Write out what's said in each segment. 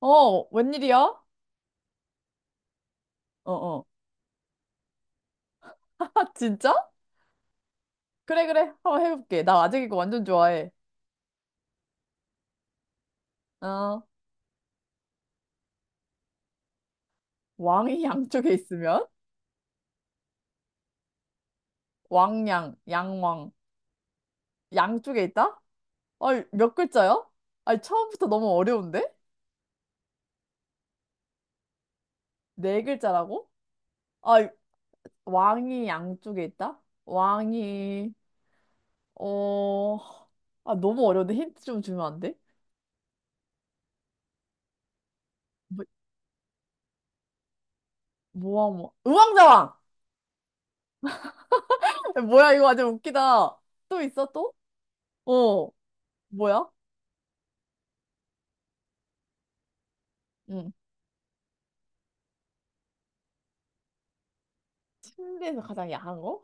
어, 웬일이야? 어, 어. 진짜? 그래, 그래. 한번 해볼게. 나 아직 이거 완전 좋아해. 어, 왕이 양쪽에 있으면? 왕양, 양왕. 양쪽에 있다? 아, 몇 글자야? 아니, 처음부터 너무 어려운데? 네 글자라고? 아, 왕이 양쪽에 있다? 왕이, 어, 아, 너무 어려운데? 힌트 좀 주면 안 돼? 뭐, 뭐야. 우왕좌왕! 뭐야, 이거 완전 웃기다. 또 있어, 또? 어, 뭐야? 응. 침대에서 가장 야한 거?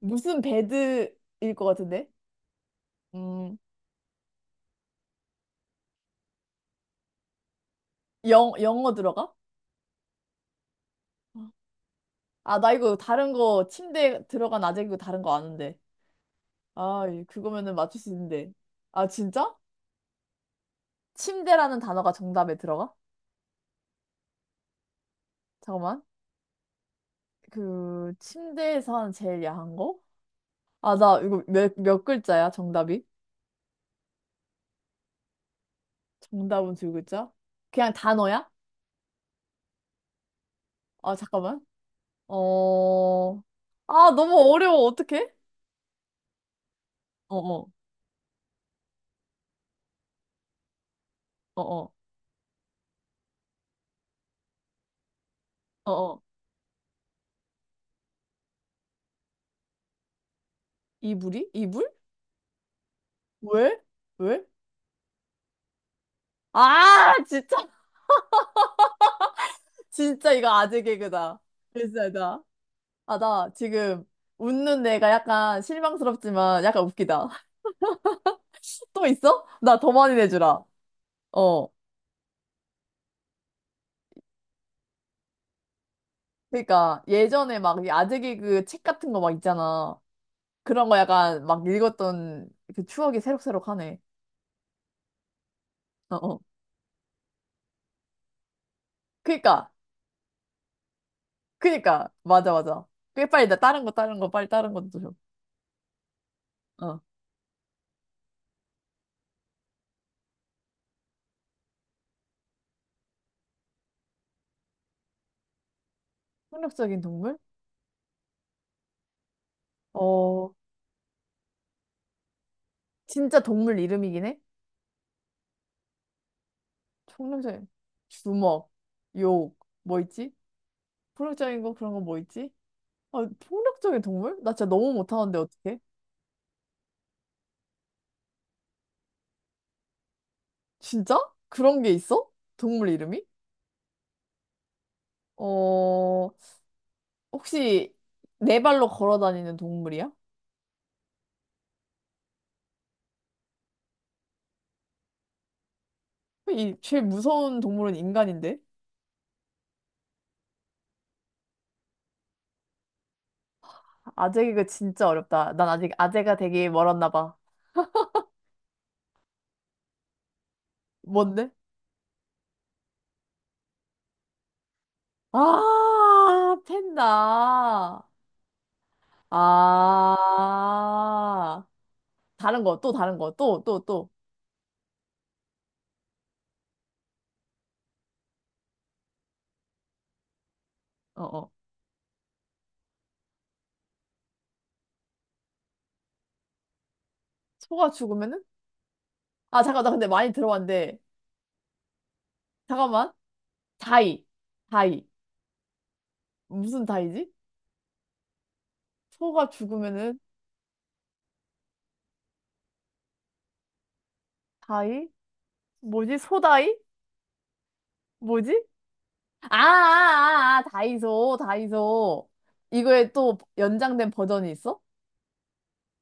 무슨 베드일 것 같은데? 음, 영어 들어가? 아, 나 이거 다른 거, 침대 들어간 아재이고 다른 거 아는데. 아, 그거면은 맞출 수 있는데. 아, 진짜? 침대라는 단어가 정답에 들어가? 잠깐만. 그, 침대에서 하는 제일 야한 거? 아, 나 이거 몇 글자야, 정답이? 정답은 두 글자? 그냥 단어야? 아, 잠깐만. 어, 아, 너무 어려워. 어떡해? 어어, 어어, 어어. 이불이? 이불? 왜? 왜? 아, 진짜. 진짜 이거 아재 개그다. 진짜 나. 아, 나 지금 웃는 내가 약간 실망스럽지만 약간 웃기다. 또 있어? 나 더 많이 내주라. 어. 그러니까 예전에 막이 아재 개그 책 같은 거 막 있잖아. 그런 거 약간 막 읽었던 그 추억이 새록새록하네. 어, 어. 그러니까, 그러니까. 맞아, 맞아. 꽤 빨리 나 다른 거, 다른 거, 빨리 다른 것도 줘. 어. 폭력적인 동물? 어, 진짜 동물 이름이긴 해? 청렴생 주먹, 욕, 뭐 있지? 폭력적인 거 그런 거 뭐 있지? 아, 폭력적인 동물? 나 진짜 너무 못하는데 어떡해? 진짜? 그런 게 있어? 동물 이름이? 어, 혹시 네 발로 걸어 다니는 동물이야? 이 제일 무서운 동물은 인간인데? 아재 개그 진짜 어렵다. 난 아직 아재가 되기 멀었나 봐. 뭔데? 아, 팬다. 아. 다른 거, 또 다른 거, 또, 또, 또. 어, 어. 소가 죽으면은? 아, 잠깐, 나 근데 많이 들어봤는데. 잠깐만. 다이. 다이. 무슨 다이지? 소가 죽으면은 다이? 뭐지? 소다이? 뭐지? 아, 아, 아, 아, 다이소, 다이소. 이거에 또 연장된 버전이 있어?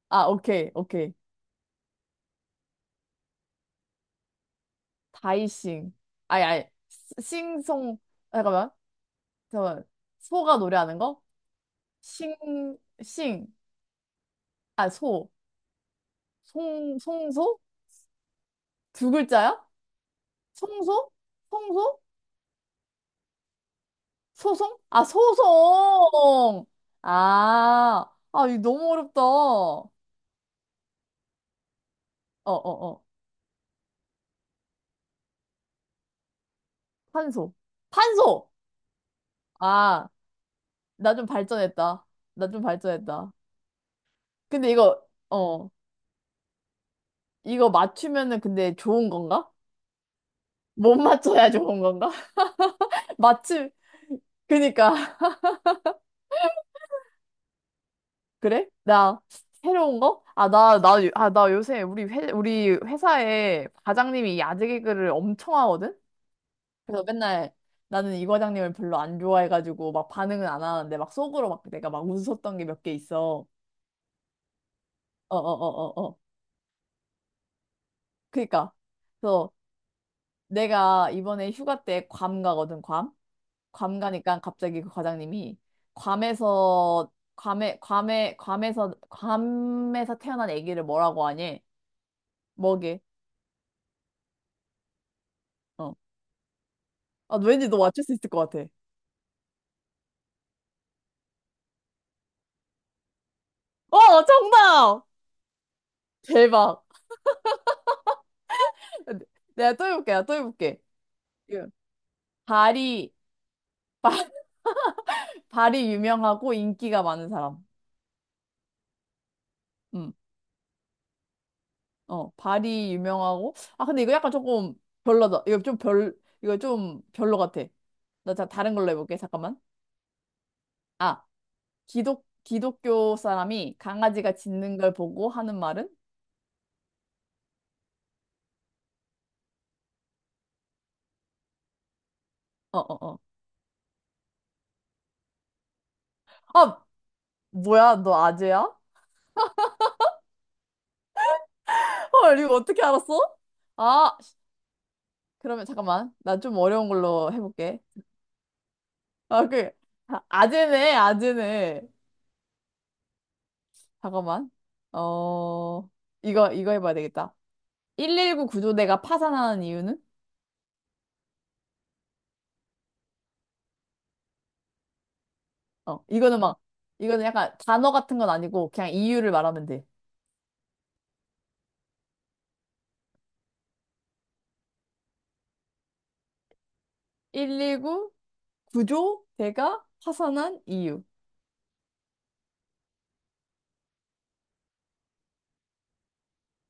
아, 오케이, 오케이. 다이싱. 아니, 아니. 싱송. 잠깐만. 잠깐만. 소가 노래하는 거? 싱, 싱. 아, 소. 송, 송소? 두 글자야? 청소? 청소? 소송? 아, 소송! 아, 아, 이거 너무 어렵다. 어, 어, 어. 판소. 판소. 아, 나 좀 발전했다. 나 좀 발전했다. 근데 이거, 어, 이거 맞추면은 근데 좋은 건가? 못 맞춰야 좋은 건가? 맞추, 그니까. 그래? 나 새로운 거? 아, 나, 나, 요- 아, 나 요새 우리 우리 회사에 과장님이 야제 개그를 엄청 하거든? 그래서 맨날 나는 이 과장님을 별로 안 좋아해가지고 막 반응은 안 하는데 막 속으로 막 내가 막 웃었던 게 몇 개 있어. 어 어 어 어 어. 그니까. 그래서 내가 이번에 휴가 때 괌 가거든, 괌. 괌 가니까 갑자기 그 과장님이 괌에서 괌에 괌에 괌에서 괌에서 태어난 아기를 뭐라고 하니? 뭐게? 어. 아, 왠지 너 맞출 수 있을 것 같아. 어, 정답! 대박. 내가 또 해볼게, 내가 또 해볼게. 예. 다리 발이 유명하고 인기가 많은 사람. 음, 어, 발이 유명하고. 아, 근데 이거 약간 조금 별로다. 이거 좀 별, 이거 좀 별로 같아. 나 자, 다른 걸로 해볼게. 잠깐만. 아, 기독교 사람이 강아지가 짖는 걸 보고 하는 말은? 어, 어, 어. 아, 뭐야? 너 아재야? 헐, 이거 어떻게 알았어? 아, 그러면 잠깐만. 나 좀 어려운 걸로 해볼게. 아, 그, 아, 아재네, 아재네. 잠깐만. 어, 이거, 이거 해봐야 되겠다. 119 구조대가 파산하는 이유는? 어, 이거는 막, 이거는 약간 단어 같은 건 아니고 그냥 이유를 말하면 돼. 119 구조대가 파산한 이유.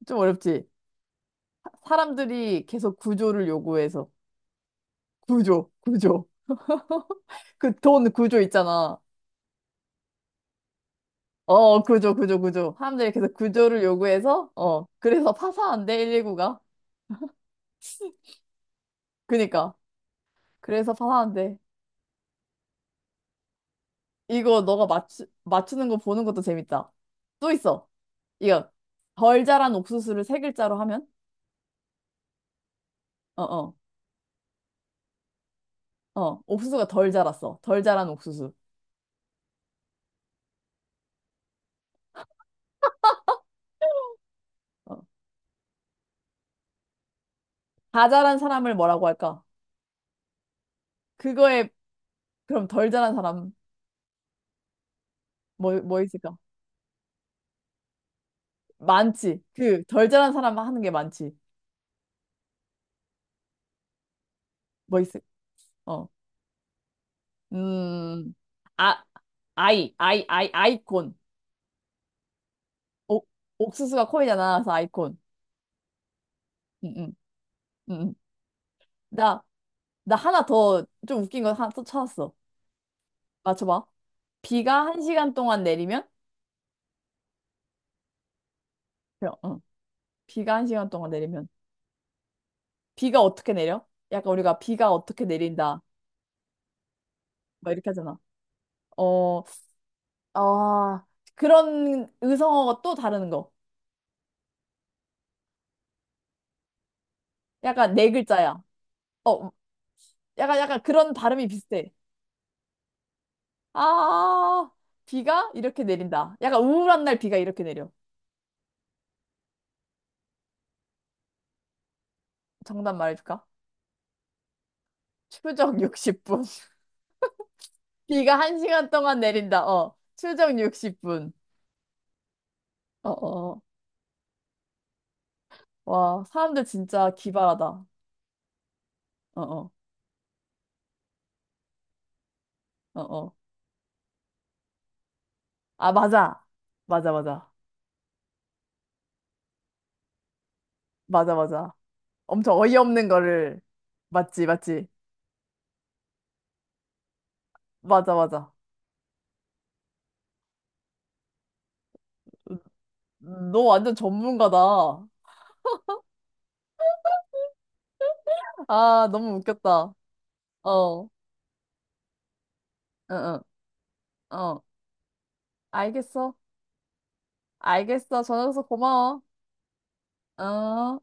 좀 어렵지? 사람들이 계속 구조를 요구해서. 구조, 구조. 그 돈 구조 있잖아. 어, 구조, 구조, 구조. 사람들이 계속 구조를 요구해서, 어, 그래서 파산한대, 119가. 그니까. 그래서 파산한대. 이거 너가 맞추는 거 보는 것도 재밌다. 또 있어. 이거 덜 자란 옥수수를 세 글자로 하면? 어, 어, 어. 옥수수가 덜 자랐어. 덜 자란 옥수수. 어. 다 자란 사람을 뭐라고 할까? 그거에 그럼 덜 자란 사람 뭐, 뭐 있을까? 많지. 그 덜 자란 사람 하는 게 많지. 뭐 있을? 어. 음. 아, 아이, 아이, 아이, 아이콘. 옥, 옥수수가 코이잖아. 그래서 아이콘. 응, 응, 응. 응. 나 나 하나 더 좀 웃긴 거 하나 또 찾았어. 맞춰봐. 비가 한 시간 동안 내리면? 그 응. 비가 한 시간 동안 내리면. 비가 어떻게 내려? 약간 우리가 비가 어떻게 내린다. 막 이렇게 하잖아. 어, 아, 그런 의성어가 또 다른 거. 약간 네 글자야. 어, 약간, 약간 그런 발음이 비슷해. 아, 비가 이렇게 내린다. 약간 우울한 날 비가 이렇게 내려. 정답 말해줄까? 추적 60분. 비가 한 시간 동안 내린다. 어, 추적 60분. 어, 어. 와, 사람들 진짜 기발하다. 어, 어, 어, 어. 아, 맞아. 맞아, 맞아. 맞아, 맞아. 엄청 어이없는 거를. 맞지, 맞지. 맞아, 맞아. 너 완전 전문가다. 아, 너무 웃겼다. 어, 응, 응, 어. 알겠어. 알겠어. 전화줘서 고마워. 어.